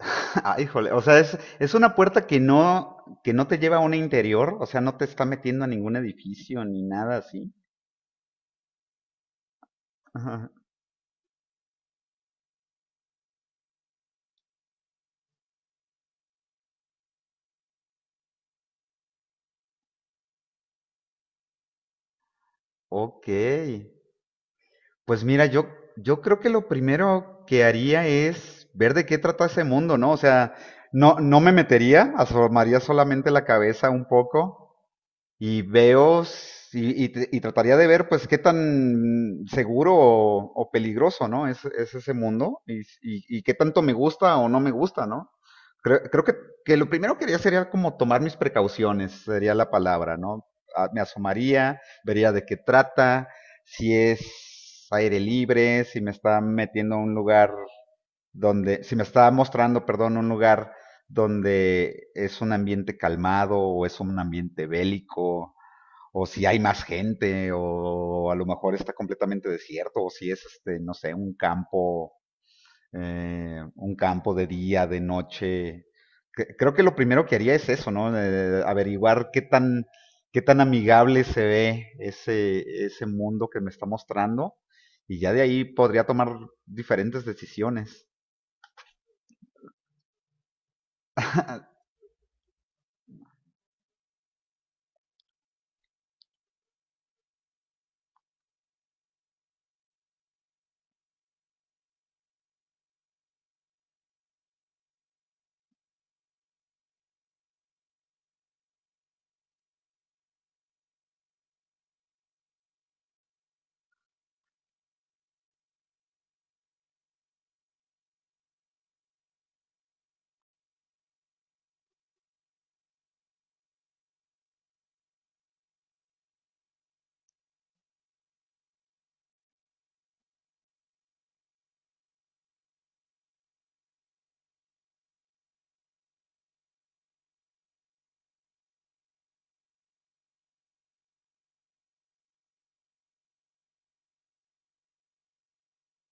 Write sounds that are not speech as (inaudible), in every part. (laughs) Ah, híjole, o sea, es una puerta que no te lleva a un interior, o sea, no te está metiendo a ningún edificio ni nada así. Ajá. Ok, pues mira, yo creo que lo primero que haría es ver de qué trata ese mundo, ¿no? O sea, no me metería, asomaría solamente la cabeza un poco y y trataría de ver pues qué tan seguro o peligroso, ¿no? Es ese mundo y, y qué tanto me gusta o no me gusta, ¿no? Creo que lo primero que haría sería como tomar mis precauciones, sería la palabra, ¿no? Me asomaría, vería de qué trata, si es aire libre, si me está metiendo a un lugar donde, si me está mostrando, perdón, un lugar donde es un ambiente calmado o es un ambiente bélico, o si hay más gente, o a lo mejor está completamente desierto, o si es, este, no sé, un campo de día, de noche. Que- Creo que lo primero que haría es eso, ¿no? Averiguar qué tan amigable se ve ese, ese mundo que me está mostrando, y ya de ahí podría tomar diferentes decisiones.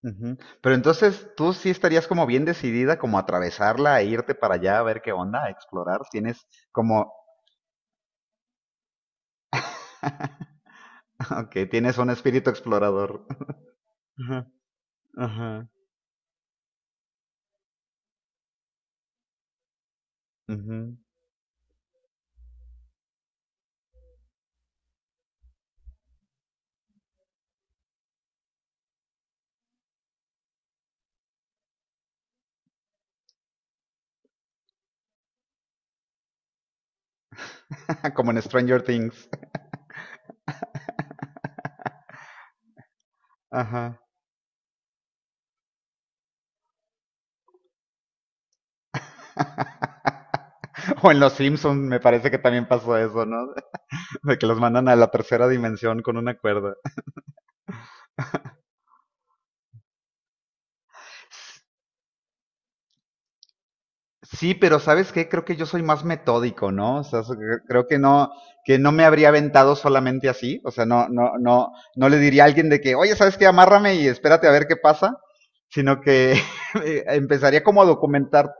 Ujú. Pero entonces, tú sí estarías como bien decidida como a atravesarla e irte para allá a ver qué onda, a explorar. ¿Tienes como (laughs) Ok, tienes un espíritu explorador. Ajá. Ajá. Ujú. (laughs) Como en Stranger Things. Ajá. O en Los Simpsons me parece que también pasó eso, ¿no? (laughs) De que los mandan a la tercera dimensión con una cuerda. Sí, pero ¿sabes qué? Creo que yo soy más metódico, ¿no? O sea, so- cre- creo que no me habría aventado solamente así. O sea, no, no, no, no le diría a alguien de que, oye, ¿sabes qué? Amárrame y espérate a ver qué pasa. Sino que (laughs) empezaría como a documentar.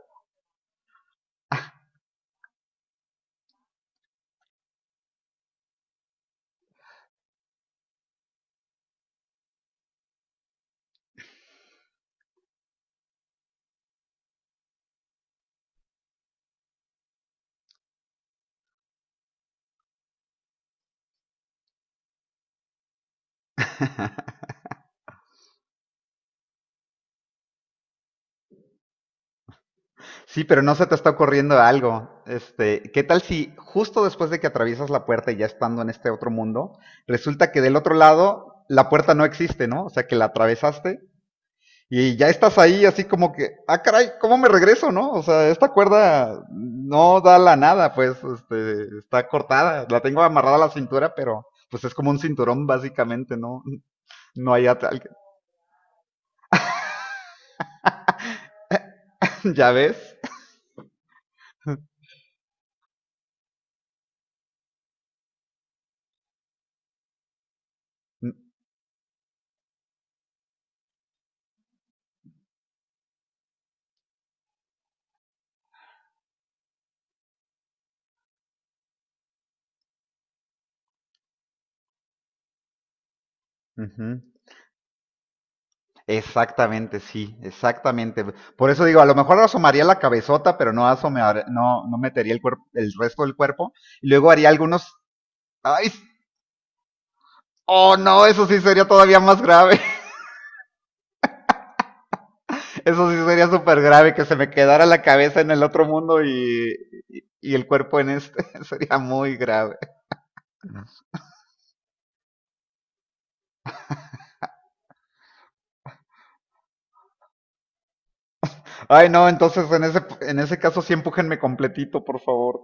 Sí, pero no se te está ocurriendo algo. Este, ¿qué tal si justo después de que atraviesas la puerta y ya estando en este otro mundo, resulta que del otro lado la puerta no existe, ¿no? O sea, que la atravesaste y ya estás ahí así como que, ah, caray, ¿cómo me regreso, no? O sea, esta cuerda no da la nada, pues, este, está cortada. La tengo amarrada a la cintura, pero pues es como un cinturón básicamente, ¿no? No hay atal. (laughs) ¿Ya ves? Ujú. Exactamente, sí, exactamente. Por eso digo, a lo mejor asomaría la cabezota, pero no asomar, no, no metería el cuerpo, el resto del cuerpo. Y luego haría algunos. ¡Ay! Oh no, eso sí sería todavía más grave. (laughs) Eso sí sería súper grave que se me quedara la cabeza en el otro mundo y y el cuerpo en este. (laughs) Sería muy grave. Ay no, entonces en ese caso sí empújenme completito, por favor.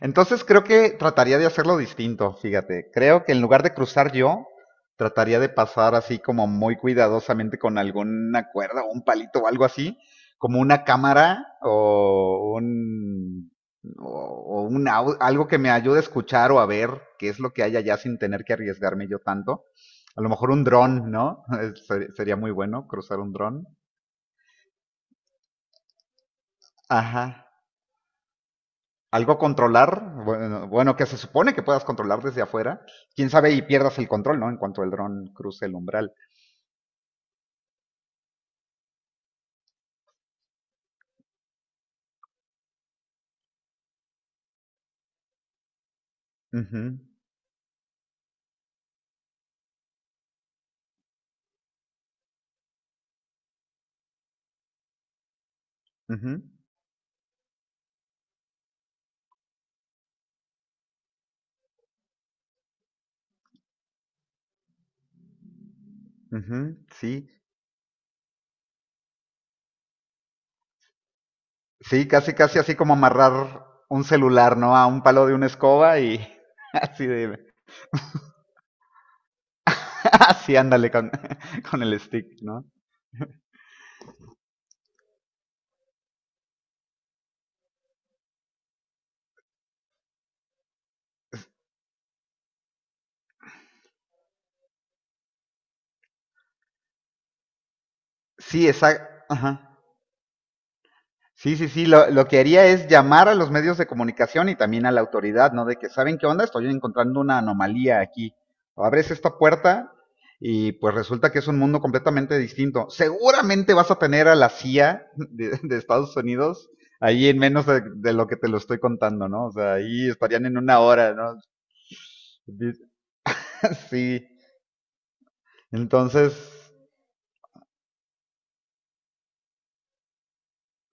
Entonces creo que trataría de hacerlo distinto, fíjate. Creo que en lugar de cruzar yo, trataría de pasar así como muy cuidadosamente con alguna cuerda o un palito o algo así, como una cámara o o un au- algo que me ayude a escuchar o a ver qué es lo que hay allá sin tener que arriesgarme yo tanto. A lo mejor un dron, ¿no? (laughs) Ser- Sería muy bueno cruzar un dron. Ajá. Algo a controlar, bueno, que se supone que puedas controlar desde afuera, quién sabe y pierdas el control, ¿no? En cuanto el dron cruce el umbral. Ujú, ujú, ujú. Sí, sí, casi, casi así como amarrar un celular, ¿no? A un palo de una escoba y (laughs) así de, (laughs) así ándale con, (laughs) con el stick, ¿no? Sí, esa, ajá. Sí, sí, lo que haría es llamar a los medios de comunicación y también a la autoridad, ¿no? De que, ¿saben qué onda? Estoy encontrando una anomalía aquí. Abres esta puerta y pues resulta que es un mundo completamente distinto. Seguramente vas a tener a la CIA de Estados Unidos ahí en menos de lo que te lo estoy contando, ¿no? O sea, ahí estarían en una hora, ¿no? (laughs) Sí, entonces.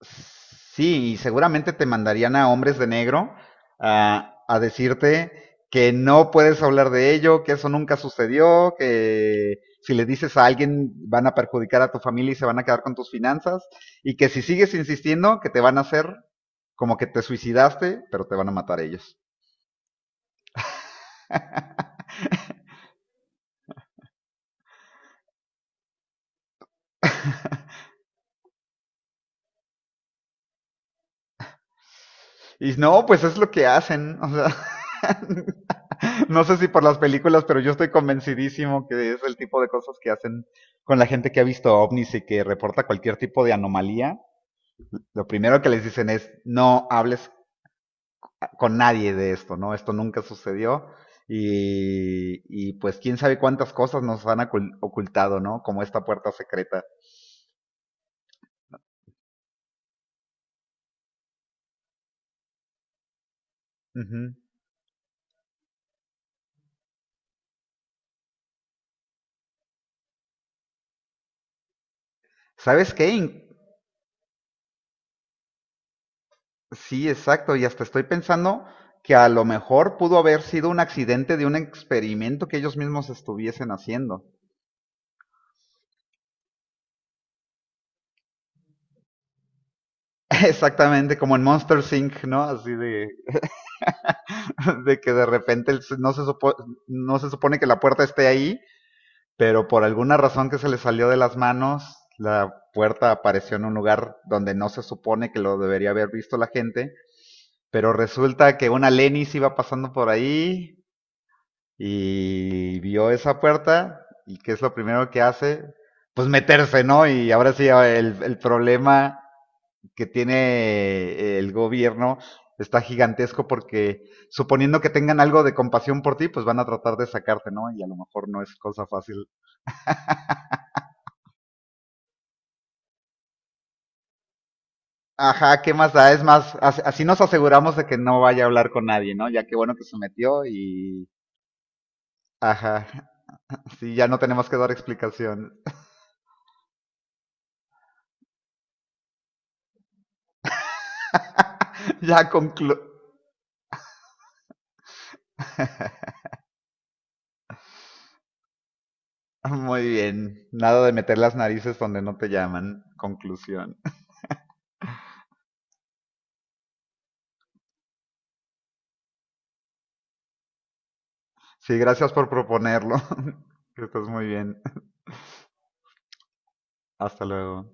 Sí, y seguramente te mandarían a hombres de negro a decirte que no puedes hablar de ello, que eso nunca sucedió, que si le dices a alguien van a perjudicar a tu familia y se van a quedar con tus finanzas, y que si sigues insistiendo, que te van a hacer como que te suicidaste, pero te van a matar ellos. Y no, pues es lo que hacen. O sea, (laughs) no sé si por las películas, pero yo estoy convencidísimo que es el tipo de cosas que hacen con la gente que ha visto ovnis y que reporta cualquier tipo de anomalía. Lo primero que les dicen es, no hables con nadie de esto, ¿no? Esto nunca sucedió. Y pues quién sabe cuántas cosas nos han ocul- ocultado, ¿no? Como esta puerta secreta. Ujú. ¿Sabes qué? In- Sí, exacto. Y hasta estoy pensando que a lo mejor pudo haber sido un accidente de un experimento que ellos mismos estuviesen haciendo. (laughs) Exactamente, como en Monster Inc., ¿no? Así de, (laughs) de que de repente el- no se, supo- no se supone que la puerta esté ahí, pero por alguna razón que se le salió de las manos, la puerta apareció en un lugar donde no se supone que lo debería haber visto la gente, pero resulta que una Lenis iba pasando por ahí, y vio esa puerta y qué es lo primero que hace, pues meterse, ¿no? Y ahora sí, ah, el problema que tiene el gobierno está gigantesco porque suponiendo que tengan algo de compasión por ti, pues van a tratar de sacarte, ¿no? Y a lo mejor no es cosa fácil. Ajá, ¿qué más da? Es más, así nos aseguramos de que no vaya a hablar con nadie, ¿no? Ya qué bueno que se metió y... Ajá, sí, ya no tenemos que dar explicación. (laughs) Ya conclu- Muy bien, nada de meter las narices donde no te llaman. Conclusión. Sí, gracias por proponerlo. (laughs) Que estés muy bien. Hasta luego.